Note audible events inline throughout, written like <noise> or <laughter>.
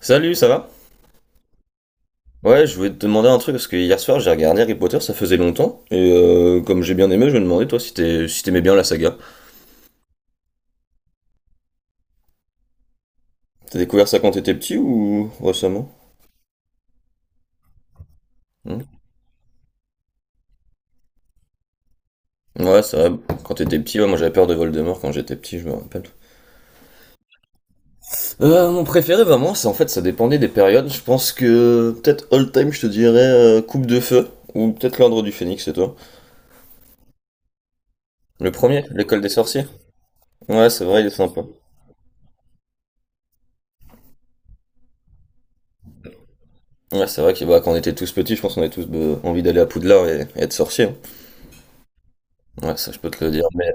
Salut, ça va? Ouais, je voulais te demander un truc parce que hier soir j'ai regardé Harry Potter, ça faisait longtemps, comme j'ai bien aimé, je me demandais toi si t'aimais bien la saga. T'as découvert ça quand t'étais petit ou récemment? Hmm. Ouais, c'est vrai. Quand t'étais petit, ouais, moi j'avais peur de Voldemort quand j'étais petit, je me rappelle. Mon préféré vraiment, c'est en fait ça dépendait des périodes. Je pense que peut-être all time, je te dirais Coupe de Feu ou peut-être l'Ordre du Phénix, c'est toi. Le premier, l'école des sorciers. Ouais, c'est vrai, il est sympa. Ouais, c'est vrai que bah, quand on était tous petits, je pense qu'on avait tous envie d'aller à Poudlard et être sorcier, hein. Ouais, ça je peux te le dire, mais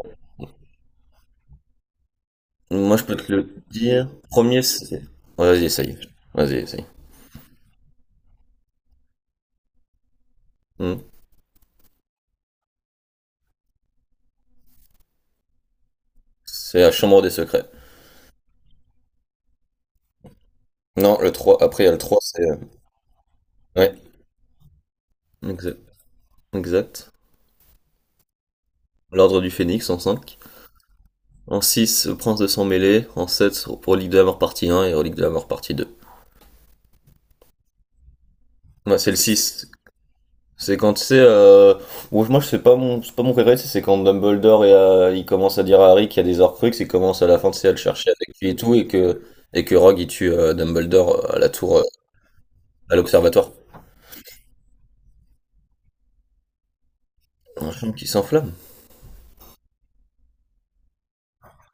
moi je peux te le dire. Premier, c'est. Ouais, vas-y, essaye. Vas-y, essaye. Hmm. C'est la chambre des secrets. Non, le 3 après il y a le 3 c'est. Ouais, exact. Exact. L'ordre du Phénix en cinq. En six, le prince de sang mêlé. En sept, Relique de la mort partie un, et Relique de la mort partie deux. Ouais, c'est le six. C'est quand tu sais, bon, moi je sais pas mon, c'est pas mon préféré, c'est quand Dumbledore il commence à dire à Harry qu'il y a des Horcruxes, et commence à la fin tu sais, à le chercher avec lui et tout, et que Rogue il tue Dumbledore à la tour, à l'observatoire. Un film qui s'enflamme.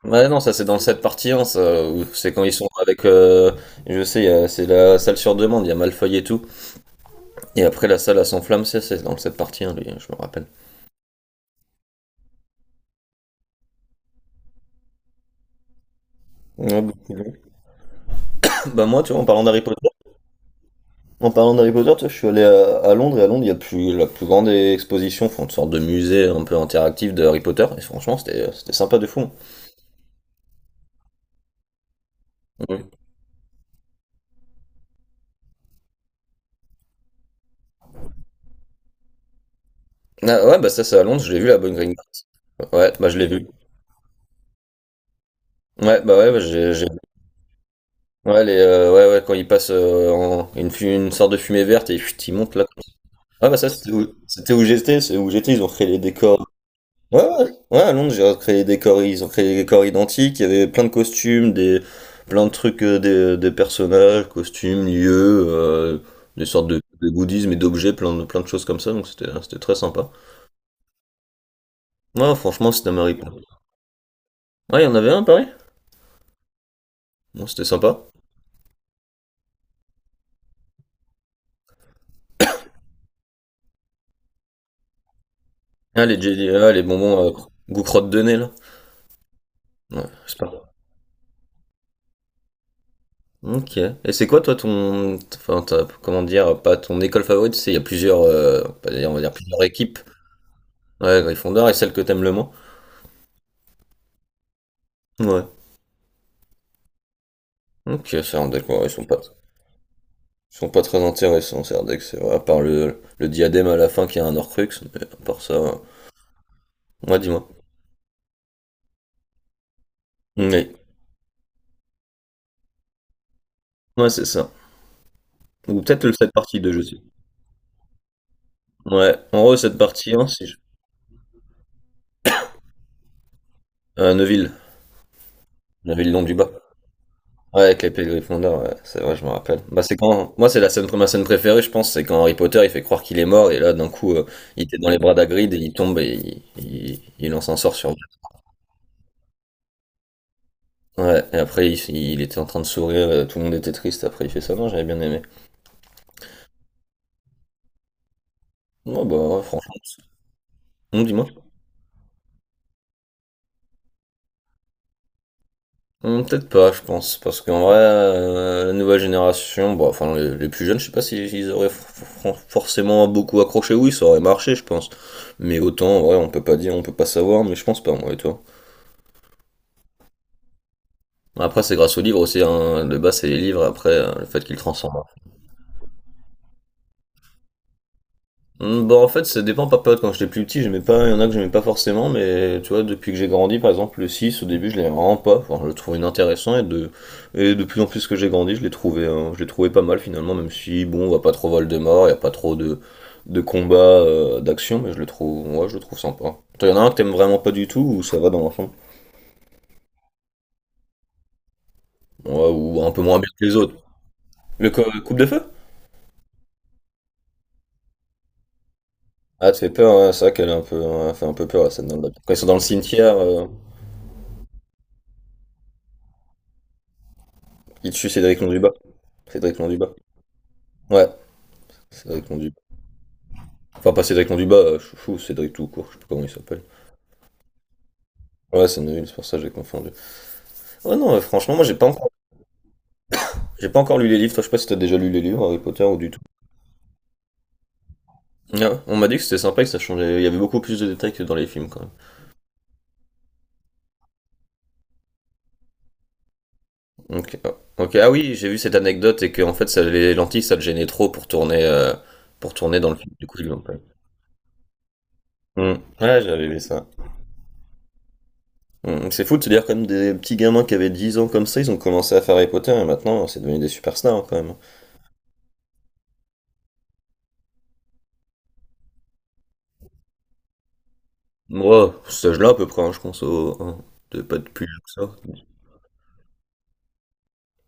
Ouais non, ça c'est dans le set partie 1, ça, où c'est quand ils sont avec, je sais, c'est la salle sur demande, il y a Malfoy et tout, et après la salle à s'enflamme, c'est dans le set partie 1, lui, je me rappelle. Ouais, beaucoup de- <laughs> Bah moi tu vois. En parlant d'Harry Potter, tu vois, je suis allé à Londres et à Londres, il y a plus, la plus grande exposition, enfin, une sorte de musée un peu interactif de Harry Potter. Et franchement, c'était sympa de fou. Mhm. Ah, ouais, bah ça, c'est à Londres, je l'ai vu, la bonne Green Party. Ouais, bah je l'ai vu. Ouais, bah, j'ai- Ouais, les, ouais, ouais, quand ils passent en une sorte de fumée verte et chut, ils montent là. Ah bah ça, c'était où j'étais, c'est où j'étais, ils ont créé les décors. Ouais, ouais, ouais, à Londres, j'ai créé des corps, ils ont créé des corps identiques, il y avait plein de costumes, des, plein de trucs, des personnages, costumes, lieux, des sortes de goodies, mais d'objets, plein de choses comme ça, donc c'était, hein, c'était très sympa. Ouais, franchement, c'était un mari. Ouais, il y en avait un, à Paris? Bon, c'était sympa. Ah, les jelly, ah, les bonbons, goût crotte de nez, là. Ouais, c'est pas. Ok. Et c'est quoi, toi, ton, enfin, comment dire, pas ton école favorite, c'est, il y a plusieurs, on va dire plusieurs équipes. Ouais, Gryffondor, et celle que t'aimes le moins. Ouais. Ok, Serendec, ouais, ils sont pas très intéressants, Serendec, c'est vrai, à part le diadème à la fin qui a un Horcrux, mais à part ça, ouais, dis-moi. Oui, ouais, c'est ça. Ou peut-être cette partie 2, je sais. Ouais, en gros, cette partie 1, si je. Neuville. Neuville, nom du bas. Ouais, avec l'épée de Gryffondor, ouais, c'est vrai, je me rappelle. Bah, c'est quand, moi, c'est la scène, ma scène préférée, je pense, c'est quand Harry Potter, il fait croire qu'il est mort, et là, d'un coup, il était dans les bras d'Hagrid, et il tombe, et il lance un sort sur lui. Ouais, et après, il était en train de sourire, tout le monde était triste, après, il fait ça, non, j'avais bien aimé. Non, bah, ouais, franchement, c'est- non, dis-moi. Peut-être pas, je pense, parce qu'en vrai, la nouvelle génération, bon, enfin, les plus jeunes, je sais pas s'ils ils auraient forcément beaucoup accroché, oui, ça aurait marché, je pense. Mais autant, ouais, on peut pas dire, on peut pas savoir, mais je pense pas, moi et toi. Après, c'est grâce aux livres aussi, hein, de base, c'est les livres, après, le fait qu'ils transforment. Bah en fait ça dépend par période. Quand j'étais plus petit, j'aimais pas, il y en a que j'aimais pas forcément, mais tu vois, depuis que j'ai grandi, par exemple le 6 au début je l'aimais vraiment pas. Enfin, je le trouvais inintéressant et de plus en plus que j'ai grandi, je l'ai trouvé pas mal finalement, même si bon, on va pas trop Voldemort, il y a pas trop de combats, d'action, mais je le trouve, ouais, je le trouve sympa. Toi, il y en a un que t'aimes vraiment pas du tout ou ça va dans l'ensemble? Ouais, ou un peu moins bien que les autres. Le coupe de feu? Ah, tu fais peur, ouais, c'est vrai qu'elle est un peu, elle fait un peu peur la scène dans le lac. Quand ils sont dans le cimetière, ils tuent Cédric Londubat. Cédric Londubat. Ouais, Cédric Monduba. Enfin, pas Cédric Monduba, Chouchou, Cédric tout court, je sais plus comment il s'appelle. Ouais, c'est nul, c'est pour ça que j'ai confondu. Ouais, non, franchement, moi j'ai pas encore lu les livres. Toi, je sais pas si t'as déjà lu les livres Harry Potter ou du tout. Ah, on m'a dit que c'était sympa et que ça changeait. Il y avait beaucoup plus de détails que dans les films quand même. Ok, ah, ok. Ah oui, j'ai vu cette anecdote et que en fait, ça, les lentilles, ça le gênait trop pour tourner dans le film. Du coup, ils l'ont pas eu. Hmm. Ouais, j'avais vu ça. C'est fou de se dire quand même des petits gamins qui avaient 10 ans comme ça, ils ont commencé à faire Harry Potter et maintenant c'est devenu des superstars, hein, quand même, hein. Moi, cet âge-là, à peu près, hein, je pense au, hein, pas de plus que ça.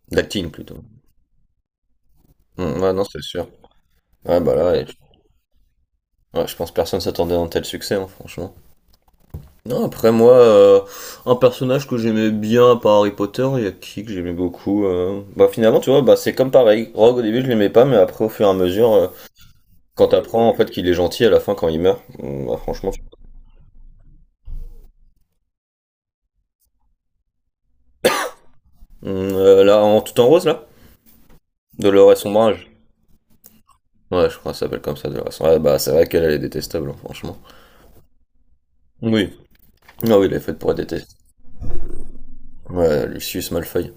D'acting plutôt. Mm, ouais, non, c'est sûr. Ouais, bah là, et- ouais, je pense que personne s'attendait à un tel succès, hein, franchement. Non, après, moi, un personnage que j'aimais bien par Harry Potter, il y a qui que j'aimais beaucoup bah, finalement, tu vois, bah, c'est comme pareil. Rogue, au début, je l'aimais pas, mais après, au fur et à mesure, quand t'apprends en fait qu'il est gentil à la fin quand il meurt, bah, franchement. Mm, là, en tout en rose, là. Dolores Sombrage. Ouais, je crois que ça s'appelle comme ça, Dolores Sombrage. Ouais, bah, c'est vrai qu'elle, elle est détestable, hein, franchement. Oui. Ah oui, il est fait pour être détesté. Ouais, Lucius Malfoy.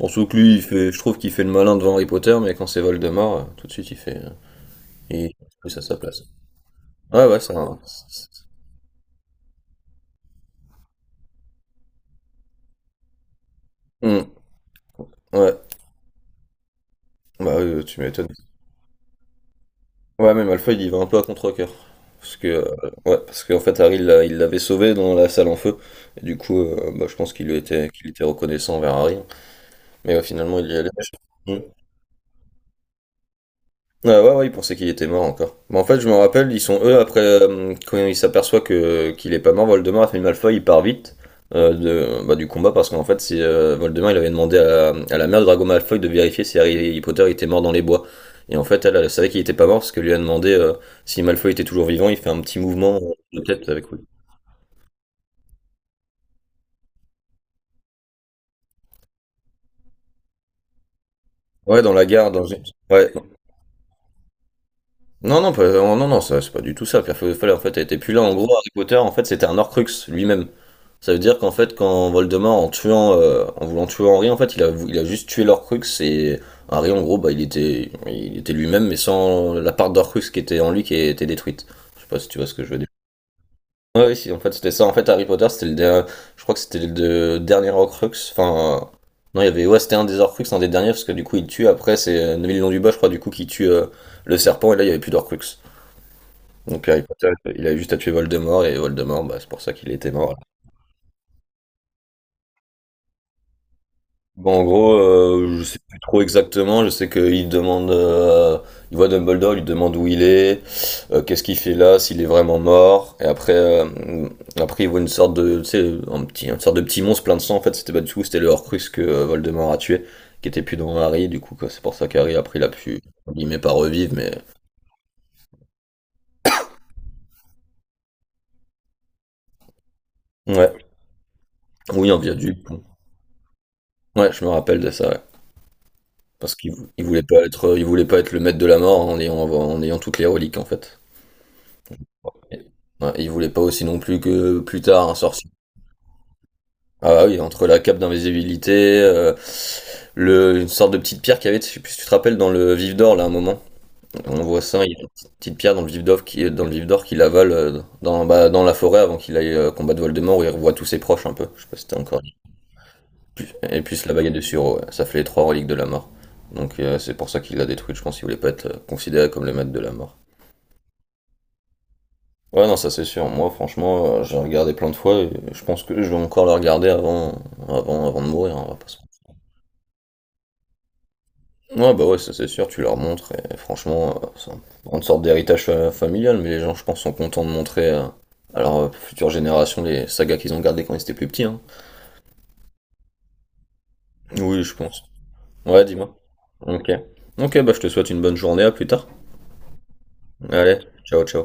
Surtout que lui, il fait, je trouve qu'il fait le malin devant Harry Potter, mais quand c'est Voldemort, tout de suite, il fait, il trouve ça à sa place. Ouais, ouais, c'est un. Hmm, ouais, bah oui, tu m'étonnes. Ouais, mais Malfoy, il y va un peu à contre-cœur. Parce que, ouais, parce qu'en fait, Harry, il l'avait sauvé dans la salle en feu. Et du coup, bah, je pense qu'il était reconnaissant envers Harry. Mais ouais, finalement, il y allait. Hmm. Ah ouais, ouais, ils pensaient qu'il était mort encore. Mais en fait, je me rappelle, ils sont eux, après, quand ils s'aperçoivent que, qu'il est pas mort, Voldemort a fait une malfoy, il part vite euh, de, bah, du combat, parce qu'en fait, Voldemort, il avait demandé à la mère de Drago Malfoy de vérifier si Harry Potter était mort dans les bois. Et en fait, elle, elle savait qu'il était pas mort, parce qu'elle lui a demandé si Malfoy était toujours vivant, il fait un petit mouvement de tête avec lui. Ouais, dans la gare, dans. Ouais. Non, non, non, non, non, ça, c'est pas du tout ça. Pierre Feuille en fait, elle était plus là. En gros, Harry Potter, en fait, c'était un Horcrux lui-même. Ça veut dire qu'en fait, quand Voldemort, en tuant, en voulant tuer Henri, en fait, il a juste tué l'Orcrux et Harry, en gros, bah, il était lui-même, mais sans la part d'Orcrux qui était en lui qui était détruite. Je sais pas si tu vois ce que je veux dire. Ouais, oui, si, en fait, c'était ça. En fait, Harry Potter, c'était le dernier, je crois que c'était le dernier Horcrux. Enfin, non, il y avait, ouais, c'était un des Horcrux, un des derniers, parce que du coup, il tue. Après, c'est Neville Londubat, je crois, du coup, qui tue le serpent, et là, il y avait plus d'Horcrux. Donc, Harry Potter, il a juste à tuer Voldemort, et Voldemort, bah, c'est pour ça qu'il était mort. Bon, en gros, je sais plus trop exactement. Je sais qu'il demande, il voit Dumbledore, il lui demande où il est, qu'est-ce qu'il fait là, s'il est vraiment mort. Et après, il voit une sorte de, tu sais, un petit, une sorte de petit monstre plein de sang. En fait, c'était pas du tout, c'était le Horcrux que Voldemort a tué, qui était plus dans Harry. Du coup, quoi, c'est pour ça qu'Harry après, il a pu, entre guillemets, pas revivre, mais ouais, oui, en viaduc, bon. Ouais, je me rappelle de ça, ouais. Parce qu'il il voulait pas être le maître de la mort en ayant toutes les reliques en fait. Ouais, il voulait pas aussi non plus que plus tard un sorcier. Ah bah oui, entre la cape d'invisibilité, euh, une sorte de petite pierre qu'il y avait, je sais plus si tu te rappelles, dans le Vif d'Or, là, à un moment. On voit ça, il y a une petite petite pierre dans le Vif d'Or dans le Vif d'Or qu'il avale dans, bah, dans la forêt avant qu'il aille combattre Voldemort où il revoit tous ses proches un peu. Je sais pas si t'as encore dit. Et puis la baguette de Suro, ouais. Ça fait les trois reliques de la mort. Donc c'est pour ça qu'il l'a détruite, je pense qu'il voulait pas être considéré comme le maître de la mort. Ouais, non, ça c'est sûr. Moi, franchement, j'ai regardé plein de fois et je pense que je vais encore le regarder avant de mourir, hein, on va pas se- Ouais, bah ouais, ça c'est sûr, tu leur montres et franchement, c'est une grande sorte d'héritage familial, mais les gens, je pense, sont contents de montrer à leur future génération les sagas qu'ils ont gardées quand ils étaient plus petits, hein. Oui, je pense. Ouais, dis-moi. Ok. Ok, bah je te souhaite une bonne journée, à plus tard. Allez, ciao, ciao.